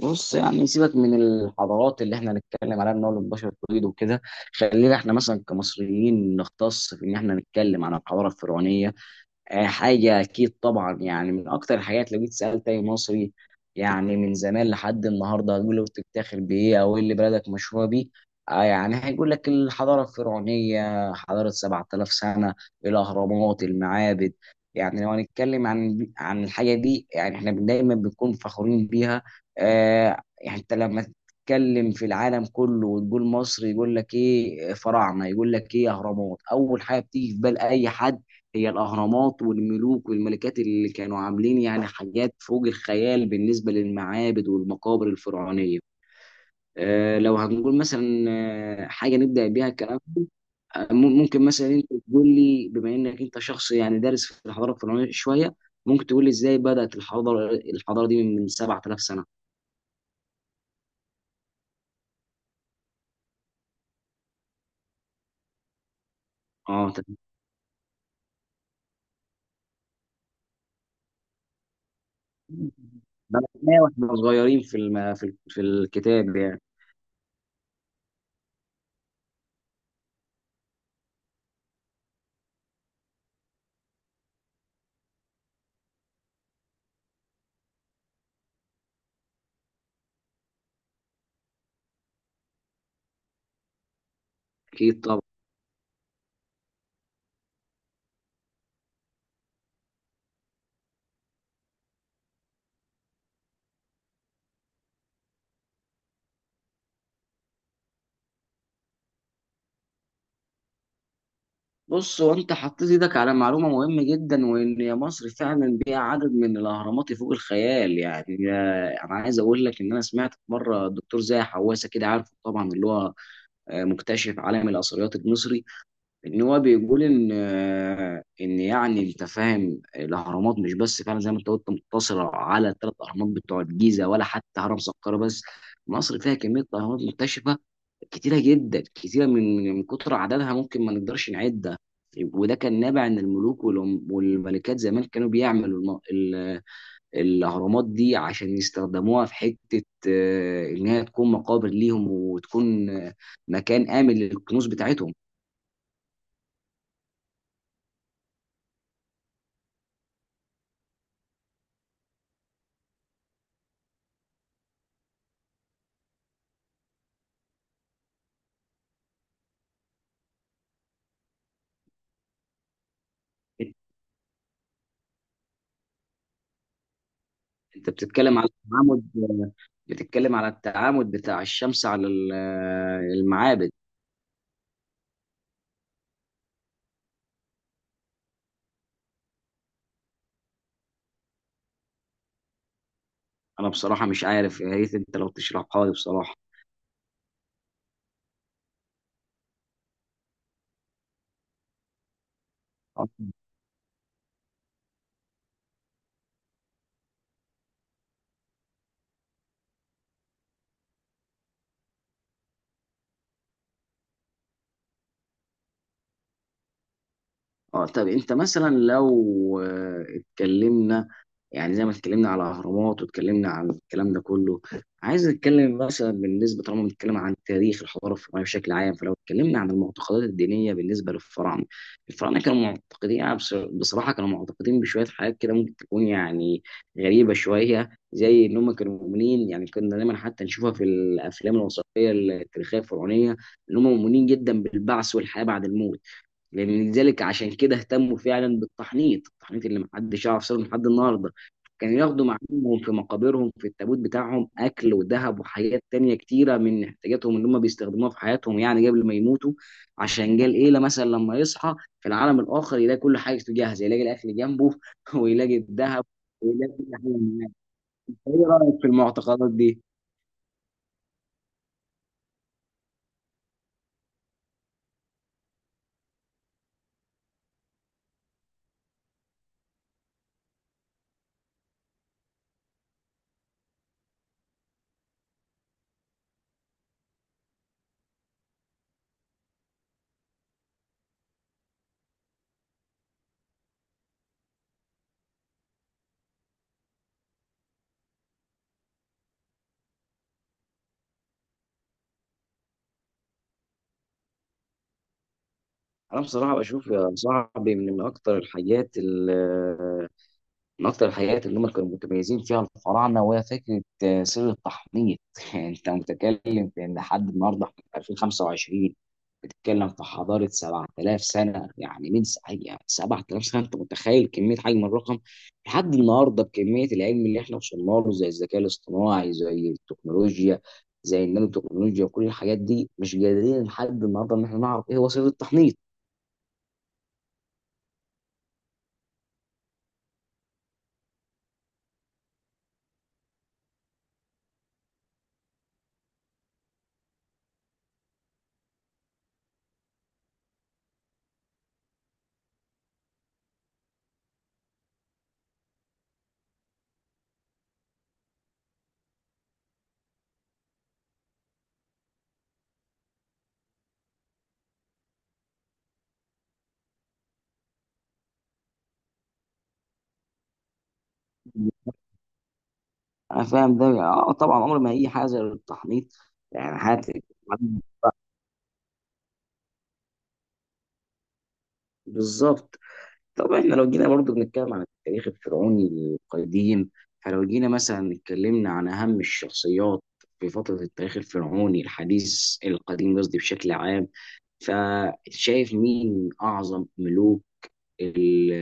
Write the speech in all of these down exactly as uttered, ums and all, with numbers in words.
بص يعني سيبك من الحضارات اللي احنا هنتكلم عليها ان هو البشر تريد وكده. خلينا احنا مثلا كمصريين نختص في ان احنا نتكلم عن الحضاره الفرعونيه. آه، حاجة أكيد طبعا، يعني من أكتر الحاجات. لو جيت سألت أي مصري يعني من زمان لحد النهاردة، هتقول له أنت بتفتخر بإيه أو إيه اللي بلدك مشهورة بيه؟ آه، يعني هيقول لك الحضارة الفرعونية حضارة سبعة آلاف سنة، الأهرامات، المعابد. يعني لو هنتكلم عن عن الحاجة دي، يعني إحنا دايما بنكون فخورين بيها. آه، يعني أنت لما تتكلم في العالم كله وتقول مصر، يقول لك إيه؟ فراعنة. يقول لك إيه؟ أهرامات. أول حاجة بتيجي في بال أي حد هي الأهرامات والملوك والملكات اللي كانوا عاملين يعني حاجات فوق الخيال، بالنسبة للمعابد والمقابر الفرعونية. آه، لو هنقول مثلا آه، حاجة نبدأ بيها الكلام. آه، مم- ممكن مثلا انت تقول لي، بما انك انت شخص يعني دارس في الحضارة الفرعونية شوية، ممكن تقول لي ازاي بدأت الحضارة الحضارة دي من من سبعة آلاف سنة؟ اه، تمام. بدأناها واحنا صغيرين في الم... في في الكتاب يعني. اكيد. بص هو انت حطيت ايدك على معلومه مهمه جدا، وان يا مصر فعلا بيها عدد من الاهرامات فوق الخيال، يعني يا- انا عايز اقول لك ان انا سمعت مره الدكتور زاهي حواسه، كده عارف طبعا، اللي هو آه، مكتشف عالم الاثريات المصري. ان هو بيقول ان آه، ان يعني انت فاهم الاهرامات مش بس، فعلا زي ما انت قلت، مقتصره على الثلاث اهرامات بتوع الجيزه ولا حتى هرم سقارة بس. مصر فيها كميه اهرامات مكتشفه كتيرة جدا، كتيرة، من من من كتر عددها ممكن ما نقدرش نعدها. وده كان نابع ان الملوك والأم- والملكات زمان كانوا بيعملوا الم- ال- الاهرامات دي عشان يستخدموها في حتة آه، انها تكون مقابر ليهم، وتكون آه، مكان آمن للكنوز بتاعتهم. انت بتتكلم على التعامد، بتتكلم على التعامد بتاع الشمس على ال- آه، المعابد. انا بصراحة مش عارف، يا ريت انت لو تشرحها لي بصراحة. اه، طب انت مثلا لو آه، اتكلمنا، يعني زي ما اتكلمنا على اهرامات واتكلمنا عن الكلام ده كله، عايز نتكلم مثلا بالنسبه، طالما بنتكلم عن تاريخ الحضاره الفرعونيه بشكل عام، فلو اتكلمنا عن المعتقدات الدينيه بالنسبه للفراعنه. الفراعنه كانوا معتقدين، أنا بص- بصراحه، كانوا معتقدين بشويه حاجات كده ممكن تكون يعني غريبه شويه، زي ان هم كانوا مؤمنين، يعني كنا دايما حتى نشوفها في الافلام الوثائقيه التاريخيه الفرعونيه ان هم مؤمنين جدا بالبعث والحياه بعد الموت. لذلك عشان كده اهتموا فعلا بالتحنيط، التحنيط اللي محدش يعرف سره لحد النهارده. كانوا ياخدوا معاهم في مقابرهم في التابوت بتاعهم اكل وذهب وحاجات تانية كتيره من احتياجاتهم اللي هم بيستخدموها في حياتهم، يعني قبل ما يموتوا، عشان جه القيله مثلا لما يصحى في العالم الاخر يلاقي كل حاجه جاهزه، يلاقي الاكل جنبه ويلاقي الذهب، ويلاقي كل حاجه معاه. ايه رايك في المعتقدات دي؟ انا بصراحه بشوف يا صاحبي، من من اكتر الحاجات اللي من اكتر الحاجات اللي هم كانوا متميزين فيها الفراعنه، وهي فكره آه، سر التحنيط. يعني انت متكلم في ان لحد النهارده احنا في ألفين وخمسة وعشرين، بتتكلم في حضاره سبعة آلاف سنه، يعني من س- يعني سبعة آلاف سنه، انت متخيل كميه حجم الرقم؟ لحد النهارده بكميه العلم اللي احنا وصلنا له، زي الذكاء الاصطناعي، زي التكنولوجيا، زي النانو تكنولوجيا، وكل الحاجات دي مش قادرين لحد النهارده ان احنا نعرف ايه هو سر التحنيط. انا فاهم ده. اه، طبعا عمر ما هي حاجه زي التحنيط، يعني حاجه. بالظبط. طبعا احنا لو جينا برضو بنتكلم عن التاريخ الفرعوني القديم، فلو جينا مثلا اتكلمنا عن اهم الشخصيات في فتره التاريخ الفرعوني الحديث، القديم قصدي، بشكل عام، فشايف مين اعظم ملوك ال-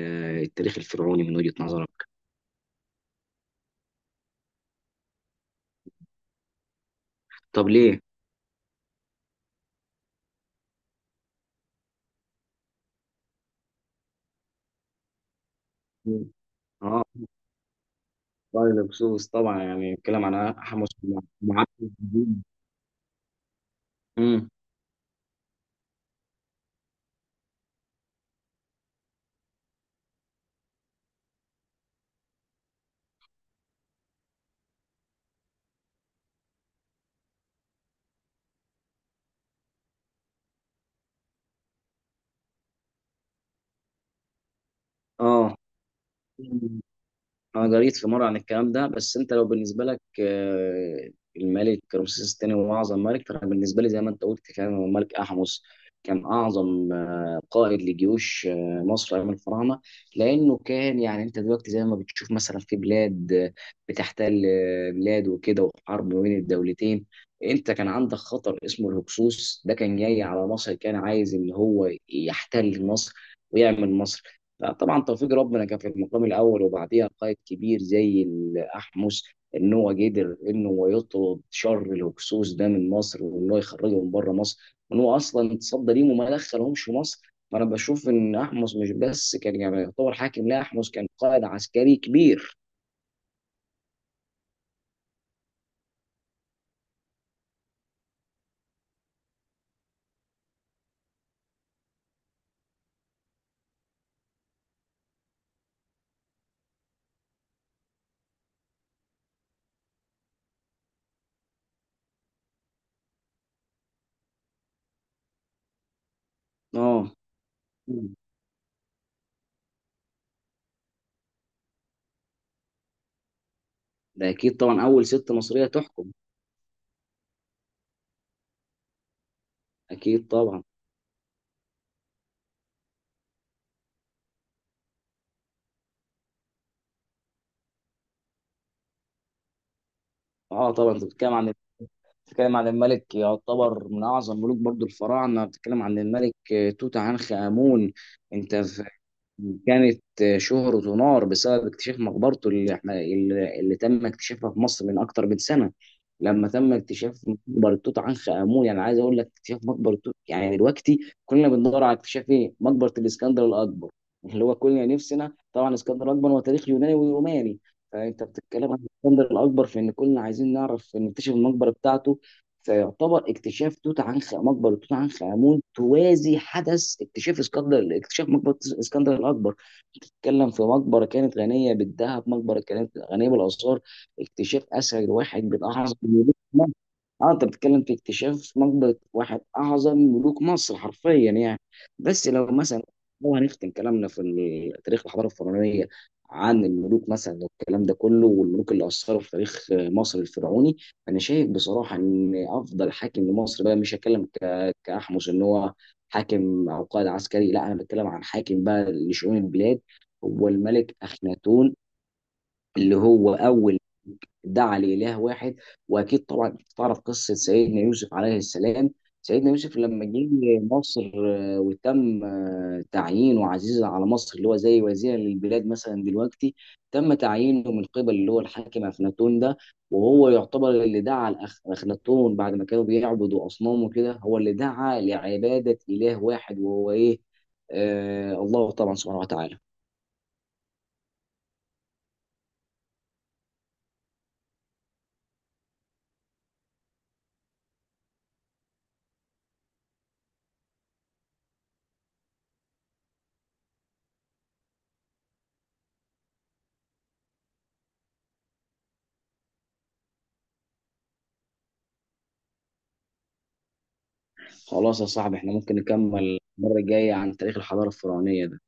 التاريخ الفرعوني من وجهه نظرك؟ طب ليه؟ مم. اه، طيب بخصوص طبعا يعني بنتكلم عن حمص ومعبد الدين. امم. اه، انا قريت في مره عن الكلام ده، بس انت لو بالنسبه لك آه، الملك رمسيس الثاني هو اعظم ملك، فانا بالنسبه لي زي ما انت قلت فعلا هو الملك احمس. كان اعظم آه، قائد لجيوش آه، مصر ايام الفراعنه، لانه كان، يعني انت دلوقتي زي ما بتشوف مثلا في بلاد آه، بتحتل آه، بلاد وكده، وحرب ما بين الدولتين. انت كان عندك خطر اسمه الهكسوس، ده كان جاي على مصر، كان عايز ان هو يحتل مصر ويعمل مصر. لا طبعا، توفيق ربنا كان في المقام الاول، وبعديها قائد كبير زي الاحمس، ان هو قدر ان هو يطرد شر الهكسوس ده من مصر، وان هو يخرجه من بره مصر، وان هو اصلا اتصدى ليهم وما دخلهمش مصر. فانا بشوف ان احمس مش بس كان يعني يعتبر حاكم، لا احمس كان قائد عسكري كبير. اه. ده اكيد طبعا اول ست مصريه تحكم. اكيد طبعا. اه، طبعا انت بتتكلم عن، بتتكلم عن الملك، يعتبر من اعظم ملوك برضو الفراعنه، بتتكلم عن الملك توت عنخ امون. انت ف- كانت شهرته نار بسبب اكتشاف مقبرته، اللي احنا اللي اللي تم اكتشافها في مصر من اكتر من سنه. لما تم اكتشاف مقبره توت عنخ امون، يعني عايز اقول لك، اكتشاف مقبره توت يعني، دلوقتي كلنا بندور على اكتشاف ايه؟ مقبره الاسكندر الاكبر، اللي هو كلنا نفسنا طبعا. اسكندر الاكبر هو تاريخ يوناني وروماني، فانت بتتكلم عن الاسكندر الاكبر في ان كلنا عايزين نعرف نكتشف المقبره بتاعته. فيعتبر اكتشاف توت عنخ، مقبره توت عنخ امون، توازي حدث اكتشاف اسكندر، اكتشاف مقبره اسكندر الاكبر. بتتكلم في مقبره كانت غنيه بالذهب، مقبره كانت غنيه بالاثار، اكتشاف اثر الواحد من اعظم. اه، انت بتتكلم في اكتشاف مقبرة واحد اعظم ملوك مصر حرفيا يعني. بس لو مثلا، لو هنختم كلامنا في ال- تاريخ الحضاره الفرعونيه عن الملوك مثلا والكلام ده كله، والملوك اللي اثروا في تاريخ مصر الفرعوني، انا شايف بصراحه ان افضل حاكم لمصر بقى، مش هتكلم ك- كاحمس ان هو حاكم او قائد عسكري، لا، انا بتكلم عن حاكم بقى لشؤون البلاد، هو الملك اخناتون، اللي هو اول دعا لإله واحد. وأكيد طبعا تعرف قصة سيدنا يوسف عليه السلام. سيدنا يوسف لما جه مصر آه، وتم آه، تعيينه عزيز على مصر، اللي هو زي وزير للبلاد مثلا دلوقتي، تم تعيينه من قبل اللي هو الحاكم أخناتون ده. وهو يعتبر اللي دعا لأخ- أخناتون بعد ما كانوا بيعبدوا أصنام وكده، هو اللي دعا لعبادة إله واحد، وهو إيه؟ آه الله طبعا سبحانه وتعالى. خلاص يا صاحبي، احنا ممكن نكمل المرة الجاية عن تاريخ الحضارة الفرعونية ده.